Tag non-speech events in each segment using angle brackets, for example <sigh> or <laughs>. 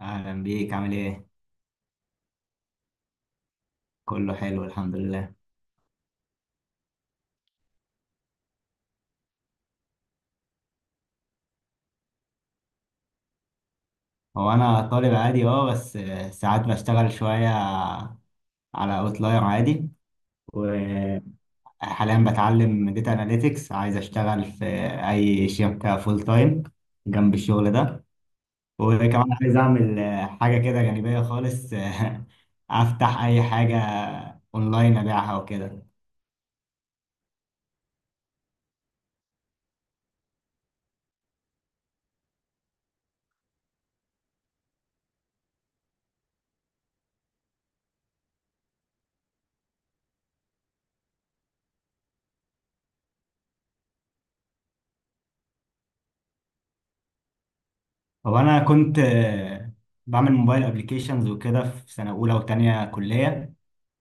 أهلا بيك، عامل إيه؟ كله حلو الحمد لله. هو أنا طالب عادي أه، بس ساعات بشتغل شوية على أوتلاير عادي. وحاليا بتعلم داتا أناليتكس، عايز أشتغل في أي شركة فول تايم جنب الشغل ده. وكمان عايز أعمل حاجة كده جانبية خالص، <laughs> أفتح أي حاجة أونلاين أبيعها وكده. هو أنا كنت بعمل موبايل أبليكيشنز وكده في سنة أولى وتانية كلية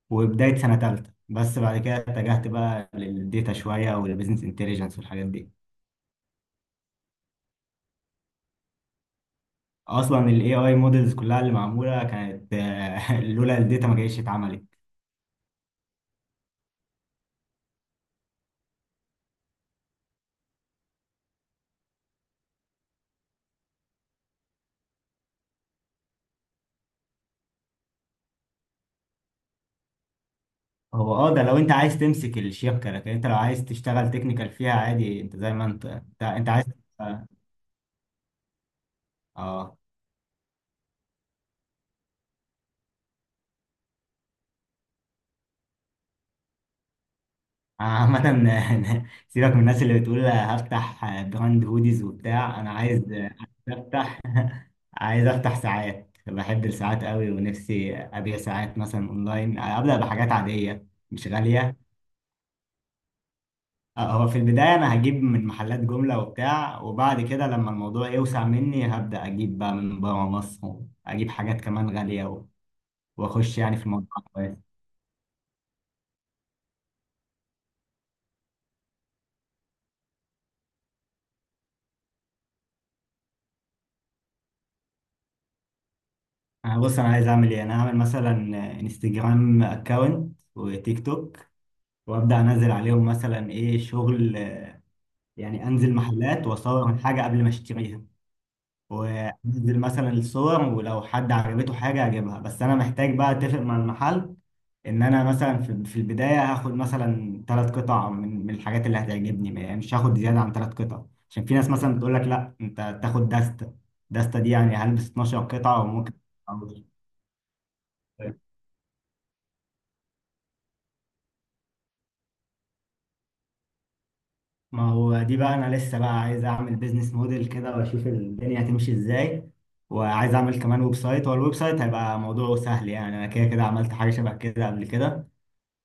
وبداية سنة تالتة، بس بعد كده اتجهت بقى للديتا شوية والبيزنس انتليجنس والحاجات دي. أصلا ال AI مودلز كلها اللي معمولة كانت، <laughs> لولا الداتا ما جايش اتعملت. هو اه، ده لو انت عايز تمسك الشبكة، لكن انت لو عايز تشتغل تكنيكال فيها عادي انت زي ما انت انت عايز. اه آه. عامة <laughs> سيبك من الناس اللي بتقول هفتح براند هوديز وبتاع. انا عايز افتح، عايز افتح ساعات، بحب الساعات قوي ونفسي ابيع ساعات مثلا اونلاين، ابدا بحاجات عاديه مش غاليه. آه، هو في البدايه انا هجيب من محلات جمله وبتاع، وبعد كده لما الموضوع يوسع مني هبدا اجيب بقى من بره مصر، اجيب حاجات كمان غاليه و- واخش يعني في الموضوع. كويس. انا بص، انا عايز اعمل ايه؟ انا هعمل مثلا انستجرام اكونت وتيك توك، وابدا انزل عليهم مثلا ايه شغل؟ يعني انزل محلات واصور الحاجه قبل ما اشتريها، وانزل مثلا الصور ولو حد عجبته حاجة اجيبها. بس انا محتاج بقى اتفق مع المحل ان انا مثلا في البداية هاخد مثلا ثلاث قطع من الحاجات اللي هتعجبني. يعني مش هاخد زيادة عن ثلاث قطع، عشان في ناس مثلا بتقول لك لا انت تاخد دستة. دستة دي يعني هلبس 12 قطعة وممكن أعوض. ما هو دي بقى، انا لسه بقى عايز اعمل بيزنس موديل كده واشوف الدنيا هتمشي ازاي. وعايز اعمل كمان ويب سايت. هو الويب سايت هيبقى موضوعه سهل، يعني انا كده كده عملت حاجة شبه كده قبل كده.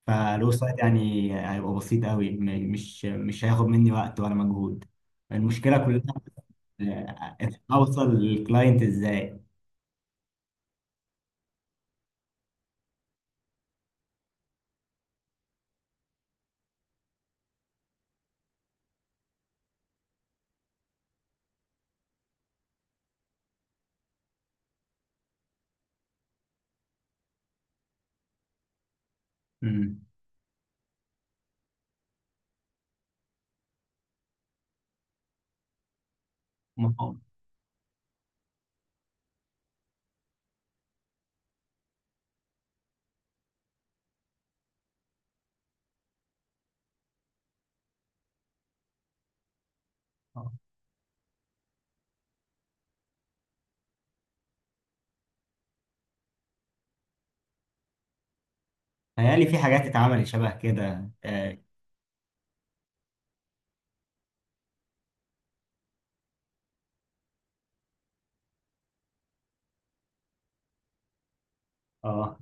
فالويب سايت يعني هيبقى بسيط قوي، مش هياخد مني وقت ولا مجهود. المشكلة كلها اوصل للكلاينت ازاي. امم، ما هو- آه. تهيألي في حاجات اتعملت شبه كده اه. آه.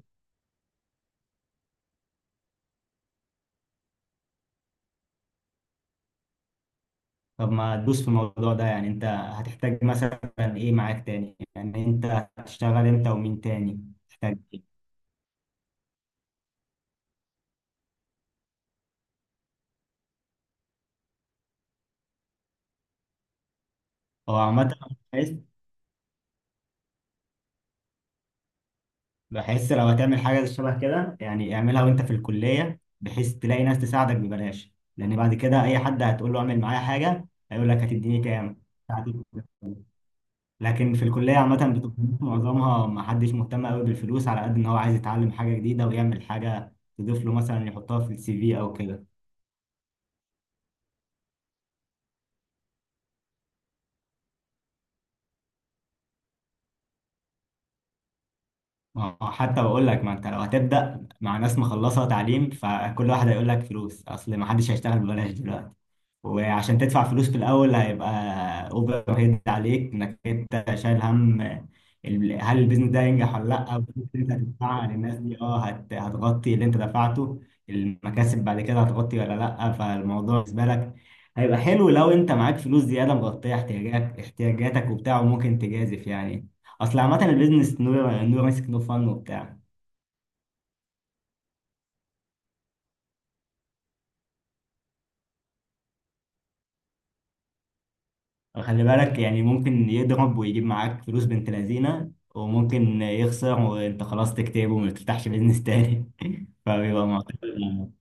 طب ما تدوس في الموضوع ده، يعني انت هتحتاج مثلا ايه معاك تاني؟ يعني انت هتشتغل انت ومين تاني؟ تحتاج ايه؟ هو عامة بحس لو هتعمل حاجة شبه كده يعني اعملها وانت في الكلية، بحيث تلاقي ناس تساعدك ببلاش، لأن بعد كده أي حد هتقول له اعمل معايا حاجة هيقول لك هتديني كام. هتديني كام. لكن في الكلية عامة بتبقى معظمها ما حدش مهتم قوي بالفلوس، على قد إن هو عايز يتعلم حاجة جديدة ويعمل حاجة تضيف له مثلا يحطها في السي في أو كده. ما هو حتى بقول لك، ما أنت لو هتبدأ مع ناس مخلصة تعليم فكل واحد هيقول لك فلوس، أصل ما حدش هيشتغل ببلاش دلوقتي. وعشان تدفع فلوس في الأول هيبقى أوفر هيد عليك، إنك أنت شايل هم هل البيزنس ده ينجح ولا لأ، والفلوس اللي أنت هتدفعها للناس دي أه هتغطي اللي أنت دفعته؟ المكاسب بعد كده هتغطي ولا لأ؟ فالموضوع بالنسبة لك هيبقى حلو لو أنت معاك فلوس زيادة مغطية احتياجاتك وبتاع، وممكن تجازف يعني. أصل عامة البيزنس، نو ريسك نو فن وبتاع. خلي بالك يعني ممكن يضرب ويجيب معاك فلوس بنت لذينه، وممكن يخسر وانت خلاص تكتئب وما تفتحش بيزنس تاني <laughs> فبيبقى معتقد.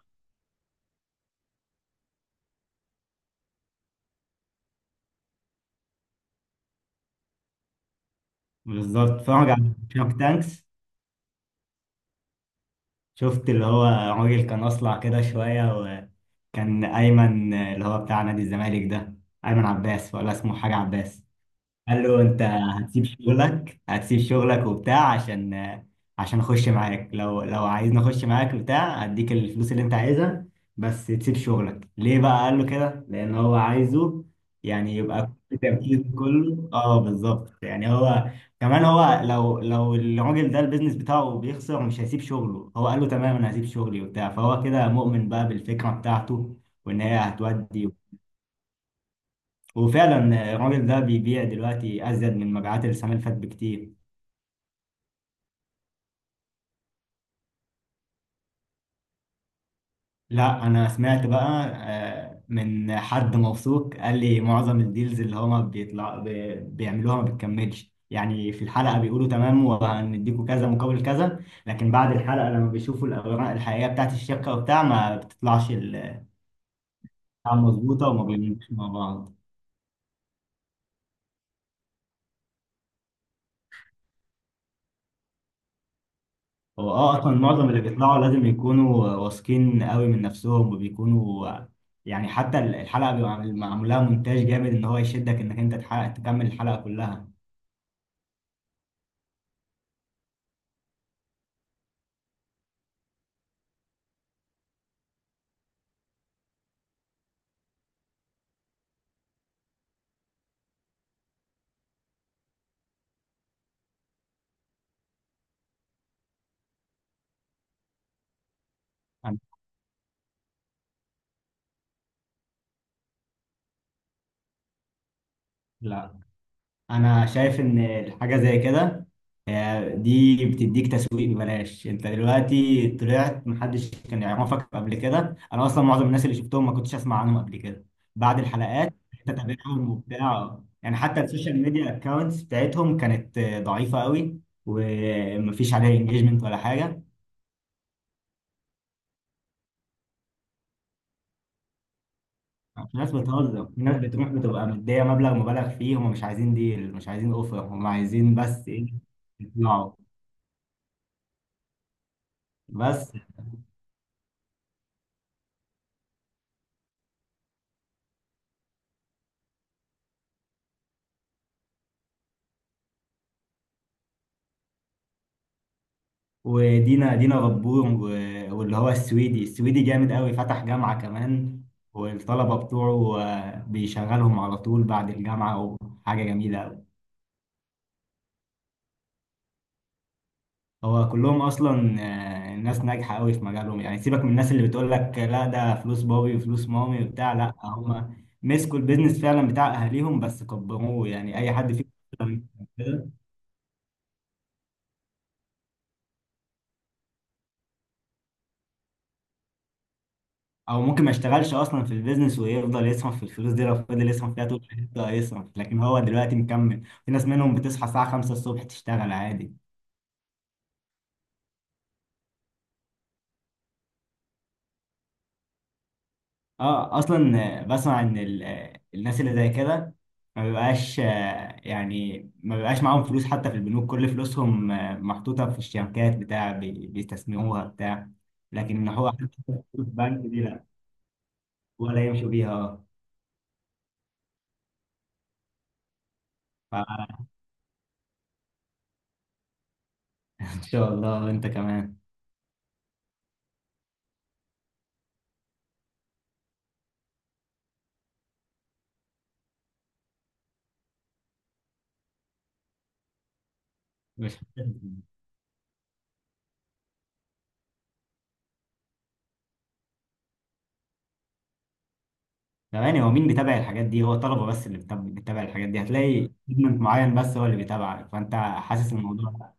بالظبط، اتفرج على شارك تانكس. شفت اللي هو راجل كان اصلع كده شويه، وكان ايمن اللي هو بتاع نادي الزمالك ده، ايمن عباس ولا اسمه حاجه عباس، قال له انت هتسيب شغلك، هتسيب شغلك وبتاع عشان، عشان اخش معاك، لو عايزني اخش معاك بتاع هديك الفلوس اللي انت عايزها بس تسيب شغلك ليه بقى؟ قال له كده لان هو عايزه يعني يبقى كل تركيزه كله اه. بالظبط. يعني هو كمان، هو لو الراجل ده البيزنس بتاعه بيخسر مش هيسيب شغله. هو قال له تمام انا هسيب شغلي وبتاع، فهو كده مؤمن بقى بالفكرة بتاعته وان هي هتودي. وفعلا، الراجل ده بيبيع دلوقتي ازيد من مبيعات السنه اللي فاتت بكتير. لا انا سمعت بقى، من حد موثوق قال لي معظم الديلز اللي هما بيعملوها ما بتكملش. يعني في الحلقه بيقولوا تمام وهنديكوا كذا مقابل كذا، لكن بعد الحلقه لما بيشوفوا الاوراق الحقيقيه بتاعت الشركه وبتاع ما بتطلعش بتاع مظبوطه وما بيمشوش مع بعض. هو اه، اصلا معظم اللي بيطلعوا لازم يكونوا واثقين قوي من نفسهم وبيكونوا، يعني حتى الحلقه بيبقى معمول لها مونتاج جامد ان هو يشدك انك انت تحقق تكمل الحلقه كلها. لا انا شايف ان حاجه زي كده، دي بتديك تسويق ببلاش. انت دلوقتي طلعت محدش كان يعرفك قبل كده. انا اصلا معظم الناس اللي شفتهم ما كنتش اسمع عنهم قبل كده، بعد الحلقات انت تابعهم وبتاع. يعني حتى السوشيال ميديا اكونتس بتاعتهم كانت ضعيفه قوي ومفيش عليها انجيجمنت ولا حاجه. الناس بتهزر، الناس بتروح بتبقى مديه مبلغ مبالغ فيه، هم مش عايزين ديل، مش عايزين اوفر، هم عايزين بس ايه؟ يطلعوا. بس، ودينا، دينا غبور، و- واللي هو السويدي، السويدي جامد قوي، فتح جامعة كمان، والطلبة بتوعه بيشغلهم على طول بعد الجامعة، وحاجة جميلة قوي. هو كلهم أصلا ناس ناجحة قوي في مجالهم. يعني سيبك من الناس اللي بتقول لك لا ده فلوس بابي وفلوس مامي وبتاع. لا، هم مسكوا البيزنس فعلا بتاع أهاليهم بس كبروه، يعني أي حد فيهم او ممكن ما يشتغلش اصلا في البيزنس ويفضل يصرف في الفلوس دي، لو فضل يصرف فيها طول حياته هيصرف، لكن هو دلوقتي مكمل. في ناس منهم بتصحى الساعه 5 الصبح تشتغل عادي. اه اصلا، بسمع ان الناس اللي زي كده ما بيبقاش يعني ما بيبقاش معاهم فلوس حتى في البنوك. كل فلوسهم محطوطه في الشبكات بتاع بيستثمروها بتاع، لكن ان هو حاطط فلوس في البنك دي لا. ولا يمشوا بيها اه. فان <laughs> شاء الله انت كمان. مش يعني هو مين بيتابع الحاجات دي؟ هو الطلبه بس اللي بتتابع الحاجات دي، هتلاقي سيجمنت معين بس هو اللي بيتابعك، فانت حاسس الموضوع.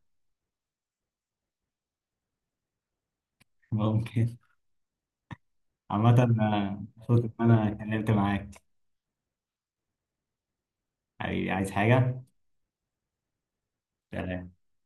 <laughs> ممكن. عامه، مبسوط ان انا اتكلمت معاك. حبيبي عايز حاجه؟ سلام.